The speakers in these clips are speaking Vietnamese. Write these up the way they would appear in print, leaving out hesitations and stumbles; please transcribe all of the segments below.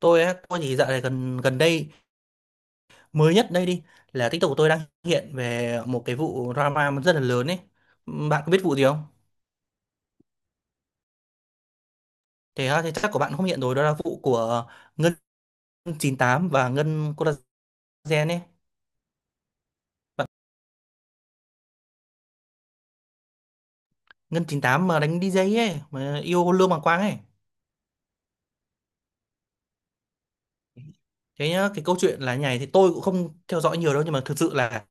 Tôi thì dạo này gần gần đây mới nhất đây đi, là TikTok của tôi đang hiện về một cái vụ drama rất là lớn ấy. Bạn có biết vụ gì không? Thế á, thì chắc của bạn không hiện rồi. Đó là vụ của Ngân 98 và Ngân Collagen ấy. Ngân 98 mà đánh đi DJ ấy, mà yêu Lương Bằng Quang ấy. Thế nhá, cái câu chuyện là như này, thì tôi cũng không theo dõi nhiều đâu, nhưng mà thực sự là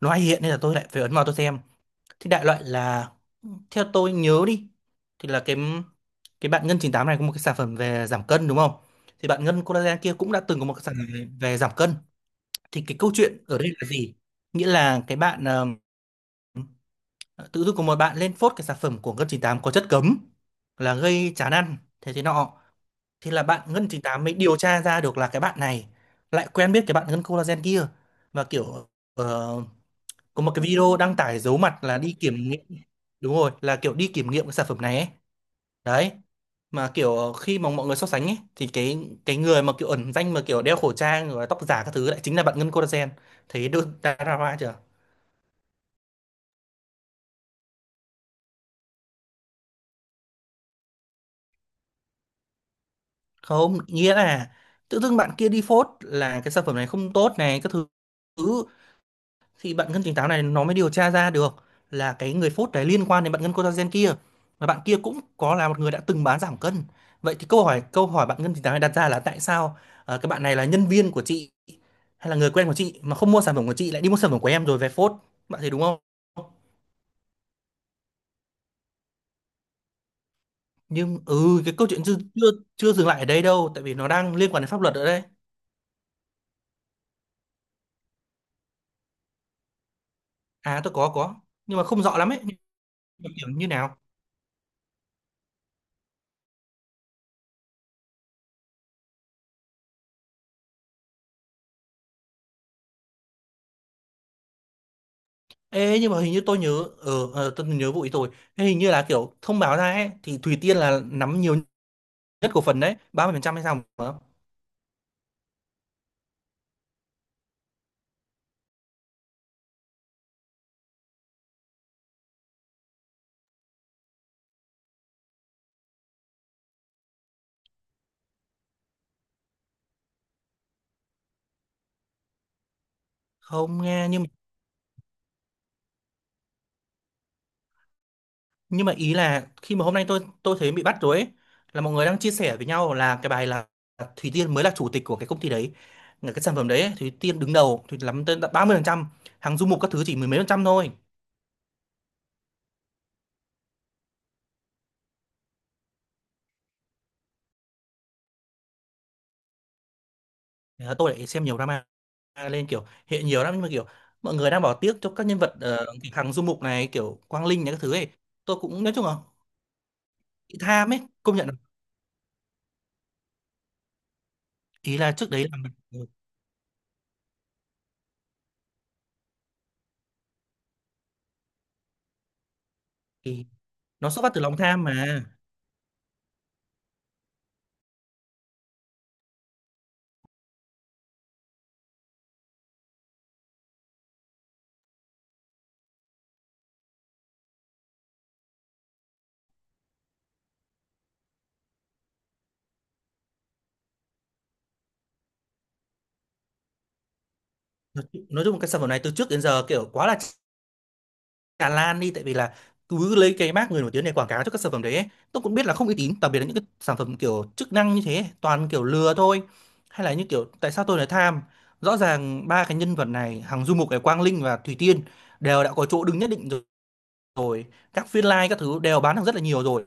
nó hay hiện nên là tôi lại phải ấn vào tôi xem. Thì đại loại là theo tôi nhớ đi, thì là cái bạn Ngân chín tám này có một cái sản phẩm về giảm cân đúng không? Thì bạn Ngân Collagen kia cũng đã từng có một cái sản phẩm về giảm cân. Thì cái câu chuyện ở đây là gì? Nghĩa là cái bạn tự dưng có một bạn lên phốt cái sản phẩm của Ngân chín tám có chất cấm, là gây chán ăn thế thế nọ. Thì là bạn Ngân chín tám mới điều tra ra được là cái bạn này lại quen biết cái bạn Ngân Collagen kia, và kiểu ờ, có một cái video đăng tải giấu mặt là đi kiểm nghiệm. Đúng rồi, là kiểu đi kiểm nghiệm cái sản phẩm này ấy. Đấy, mà kiểu khi mà mọi người so sánh ấy thì cái người mà kiểu ẩn danh, mà kiểu đeo khẩu trang rồi tóc giả các thứ, lại chính là bạn Ngân Collagen. Thấy được drama chưa? Không, nghĩa là tự dưng bạn kia đi phốt là cái sản phẩm này không tốt này các thứ, thì bạn ngân tính táo này nó mới điều tra ra được là cái người phốt đấy liên quan đến bạn ngân collagen kia, và bạn kia cũng có là một người đã từng bán giảm cân. Vậy thì câu hỏi bạn ngân tính táo này đặt ra là tại sao cái bạn này là nhân viên của chị hay là người quen của chị, mà không mua sản phẩm của chị lại đi mua sản phẩm của em rồi về phốt. Bạn thấy đúng không? Nhưng cái câu chuyện chưa chưa chưa dừng lại ở đây đâu, tại vì nó đang liên quan đến pháp luật ở đây. À tôi có, nhưng mà không rõ lắm ấy. Nhưng mà kiểu như nào. Ê, nhưng mà hình như tôi nhớ, tôi nhớ vụ ý tôi. Thế hình như là kiểu thông báo ra ấy, thì Thủy Tiên là nắm nhiều nhất cổ phần đấy, 30% hay sao mà không nghe. Nhưng mà ý là khi mà hôm nay tôi thấy bị bắt rồi ấy, là mọi người đang chia sẻ với nhau là cái bài là Thủy Tiên mới là chủ tịch của cái công ty đấy, là cái sản phẩm đấy ấy, Thủy Tiên đứng đầu thì lắm tới 30%, hàng du mục các thứ chỉ mười mấy phần trăm thôi. Thế là tôi lại xem nhiều drama lên kiểu hệ nhiều lắm, nhưng mà kiểu mọi người đang bỏ tiếc cho các nhân vật kiểu Hằng Du Mục này kiểu Quang Linh này các thứ ấy. Tôi cũng nói chung là bị tham ấy, công nhận là ý là trước đấy làm, thì nó xuất phát từ lòng tham mà. Nói chung cái sản phẩm này từ trước đến giờ kiểu quá là tràn lan đi, tại vì là cứ lấy cái mác người nổi tiếng để quảng cáo cho các sản phẩm đấy ấy. Tôi cũng biết là không uy tín, đặc biệt là những cái sản phẩm kiểu chức năng như thế ấy, toàn kiểu lừa thôi. Hay là như kiểu tại sao tôi lại tham, rõ ràng ba cái nhân vật này, Hằng Du Mục này, Quang Linh và Thủy Tiên, đều đã có chỗ đứng nhất định rồi. Rồi các phiên live các thứ đều bán được rất là nhiều rồi,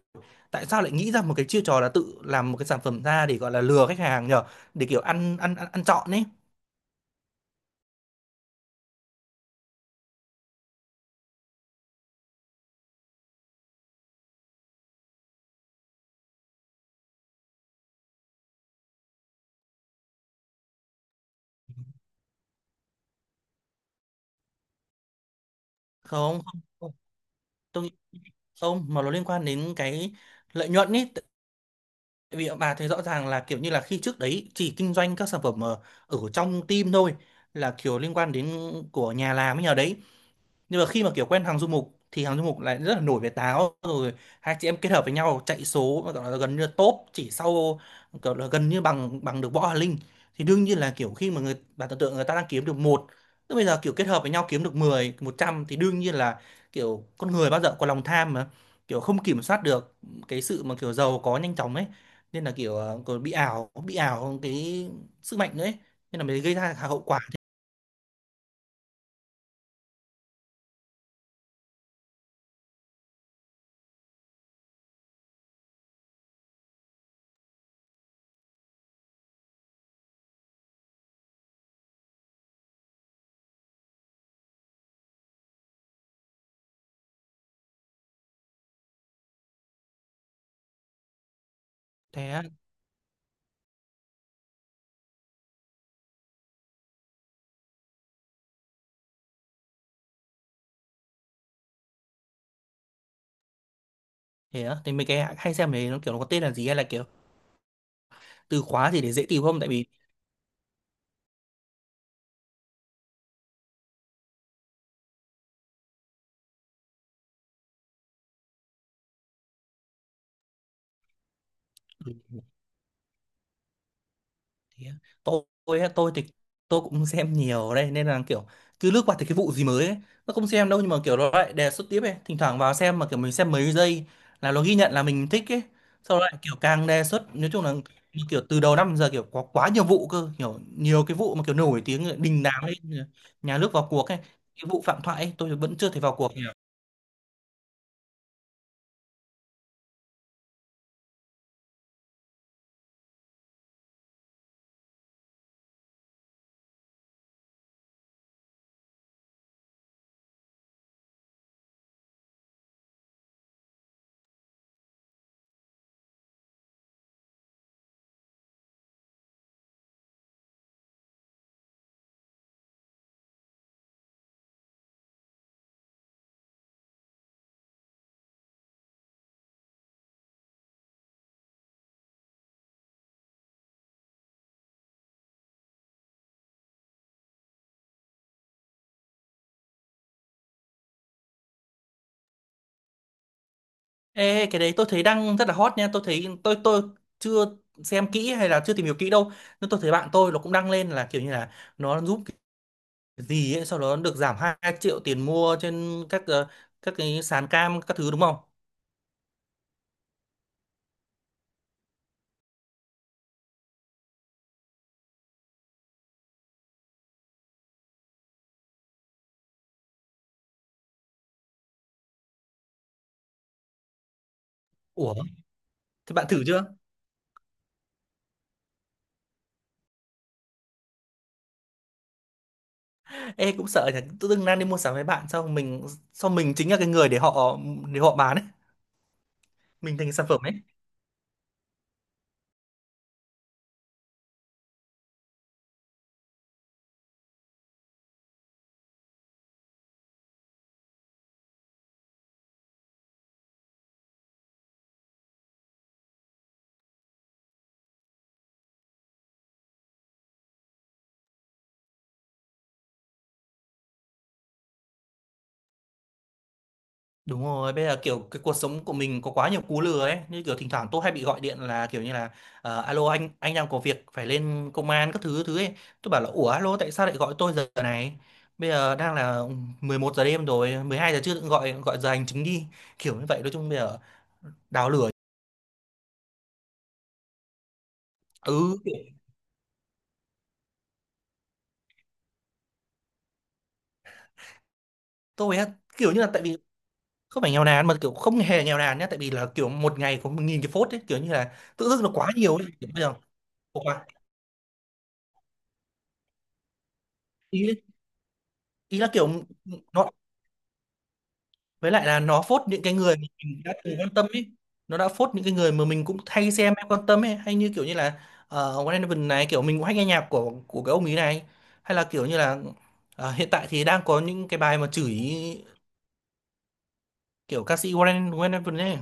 tại sao lại nghĩ ra một cái chiêu trò là tự làm một cái sản phẩm ra để gọi là lừa khách hàng nhờ, để kiểu ăn trọn ấy. Không không không, tôi nghĩ không, mà nó liên quan đến cái lợi nhuận ấy. Tại vì bà thấy rõ ràng là kiểu như là khi trước đấy chỉ kinh doanh các sản phẩm ở trong team thôi, là kiểu liên quan đến của nhà làm ấy nhờ đấy. Nhưng mà khi mà kiểu quen hàng du mục thì hàng du mục lại rất là nổi về táo rồi, hai chị em kết hợp với nhau chạy số mà gọi là gần như là top chỉ sau, kiểu là gần như bằng bằng được Võ Hà Linh. Thì đương nhiên là kiểu khi mà người bạn tưởng tượng người ta đang kiếm được một, tức bây giờ kiểu kết hợp với nhau kiếm được mười một trăm, thì đương nhiên là kiểu con người bao giờ có lòng tham mà, kiểu không kiểm soát được cái sự mà kiểu giàu có nhanh chóng ấy. Nên là kiểu còn bị ảo cái sức mạnh đấy, nên là mới gây ra hậu quả. thế á Thế á, thì mấy cái hay xem mấy nó kiểu nó có tên là gì hay là kiểu từ khóa gì để dễ tìm không, tại vì ừ, thế á. Tôi thì tôi cũng xem nhiều ở đây nên là kiểu cứ lướt qua thì cái vụ gì mới ấy, nó không xem đâu, nhưng mà kiểu nó lại đề xuất tiếp ấy, thỉnh thoảng vào xem mà kiểu mình xem mấy giây là nó ghi nhận là mình thích ấy, sau đó lại kiểu càng đề xuất. Nói chung là kiểu từ đầu năm giờ kiểu có quá nhiều vụ cơ, kiểu nhiều cái vụ mà kiểu nổi tiếng đình đám ấy, nhà nước vào cuộc ấy. Cái vụ Phạm Thoại ấy, tôi vẫn chưa thấy vào cuộc nhỉ. Ê, cái đấy tôi thấy đang rất là hot nha. Tôi thấy tôi chưa xem kỹ hay là chưa tìm hiểu kỹ đâu, nhưng tôi thấy bạn tôi nó cũng đăng lên là kiểu như là nó giúp cái gì ấy sau đó nó được giảm 2 triệu tiền mua trên các các cái sàn cam các thứ đúng không. Ủa, thế bạn thử chưa? Ê cũng sợ nhỉ, tự dưng đang đi mua sắm với bạn xong mình, xong mình chính là cái người để họ, để họ bán ấy, mình thành sản phẩm ấy. Đúng rồi, bây giờ kiểu cái cuộc sống của mình có quá nhiều cú lừa ấy, như kiểu thỉnh thoảng tôi hay bị gọi điện là kiểu như là alo, anh đang có việc phải lên công an các thứ thứ ấy. Tôi bảo là ủa alo tại sao lại gọi tôi giờ này? Bây giờ đang là 11 giờ đêm rồi, 12 giờ trưa tự gọi, gọi giờ hành chính đi. Kiểu như vậy, nói chung bây giờ đào lửa. Ừ, kiểu, tôi á kiểu như là tại vì không phải nghèo nàn, mà kiểu không hề nghèo nàn nhá, tại vì là kiểu một ngày có 1.000 cái phốt ấy, kiểu như là tự dưng nó quá nhiều ấy, kiểu bây giờ có quá ý, ý là kiểu nó, với lại là nó phốt những cái người mà mình đã từng quan tâm ấy, nó đã phốt những cái người mà mình cũng hay xem hay quan tâm ấy. Hay như kiểu như là uh, One Eleven này, kiểu mình cũng hay nghe nhạc của cái ông ý này. Hay là kiểu như là hiện tại thì đang có những cái bài mà chửi kiểu ca sĩ One Eleven ấy,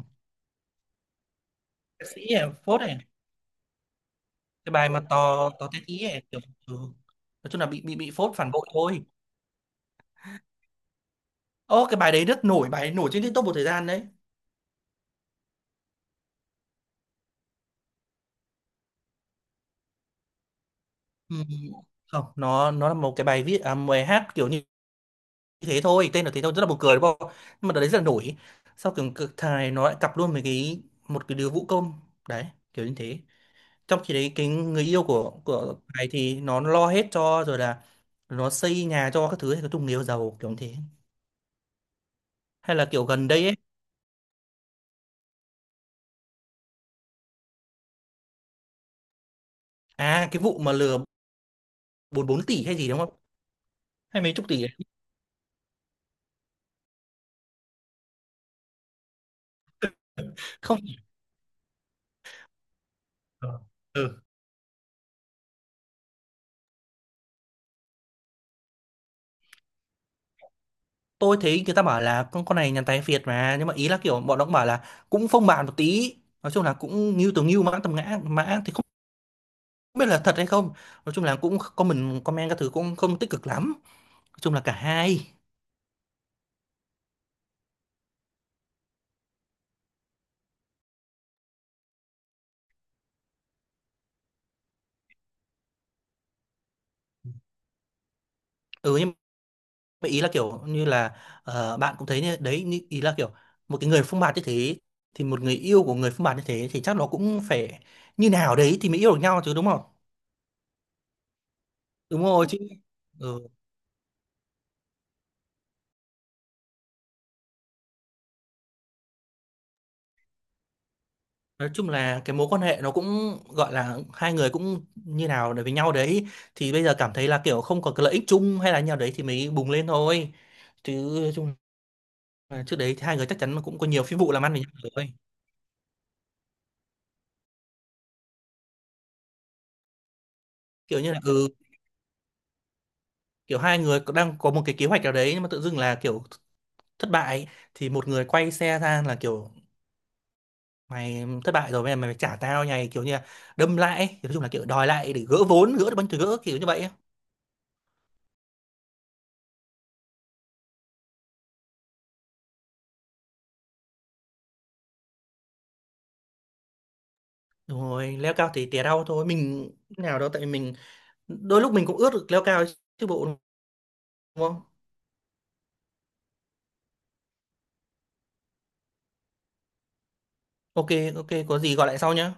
ca sĩ ấy, phốt này. Cái bài mà to to tét ý ấy kiểu ừ. Nói chung là bị phốt phản bội thôi. Ô, cái bài đấy rất nổi, bài ấy nổi trên TikTok một thời gian đấy. Ừ. Không, nó nó là một cái bài viết à, một bài hát kiểu như thế thôi, tên là thế thôi, rất là buồn cười đúng không, nhưng mà đợt đấy rất là nổi. Sau kiểu cực thài nó lại cặp luôn với cái một cái đứa vũ công đấy, kiểu như thế. Trong khi đấy cái người yêu của thầy thì nó lo hết cho rồi, là nó xây nhà cho các thứ, hay có chung người yêu giàu kiểu như thế. Hay là kiểu gần đây ấy. À cái vụ mà lừa bốn bốn tỷ hay gì đúng không, hay mấy chục tỷ ấy. Không. Ờ. Ừ. Tôi thấy người ta bảo là con này nhàn tài phiệt mà, nhưng mà ý là kiểu bọn nó cũng bảo là cũng phong bạt một tí, nói chung là cũng ngưu từ ngưu mã tầm ngã mã thì không biết là thật hay không. Nói chung là cũng comment comment các thứ cũng không tích cực lắm, nói chung là cả hai. Ừ nhưng mà ý là kiểu như là bạn cũng thấy như đấy như, ý là kiểu một cái người phông bạt như thế, thì một người yêu của người phông bạt như thế thì chắc nó cũng phải như nào đấy thì mới yêu được nhau chứ đúng không. Đúng rồi chứ. Ừ. Nói chung là cái mối quan hệ nó cũng gọi là hai người cũng như nào để với nhau đấy, thì bây giờ cảm thấy là kiểu không có cái lợi ích chung hay là như nào đấy thì mới bùng lên thôi chứ, nói chung. Và trước đấy thì hai người chắc chắn là cũng có nhiều phi vụ làm ăn với nhau rồi. Kiểu như là ừ, kiểu hai người có, đang có một cái kế hoạch nào đấy nhưng mà tự dưng là kiểu thất bại, thì một người quay xe ra là kiểu mày thất bại rồi bây giờ mày phải trả tao này, kiểu như là đâm lại ấy. Nói chung là kiểu đòi lại để gỡ vốn, gỡ được bánh từ gỡ kiểu như vậy ấy. Rồi leo cao thì tè đau thôi, mình nào đâu tại vì mình đôi lúc mình cũng ước được leo cao chứ bộ đúng không? Ok, ok có gì gọi lại sau nhá.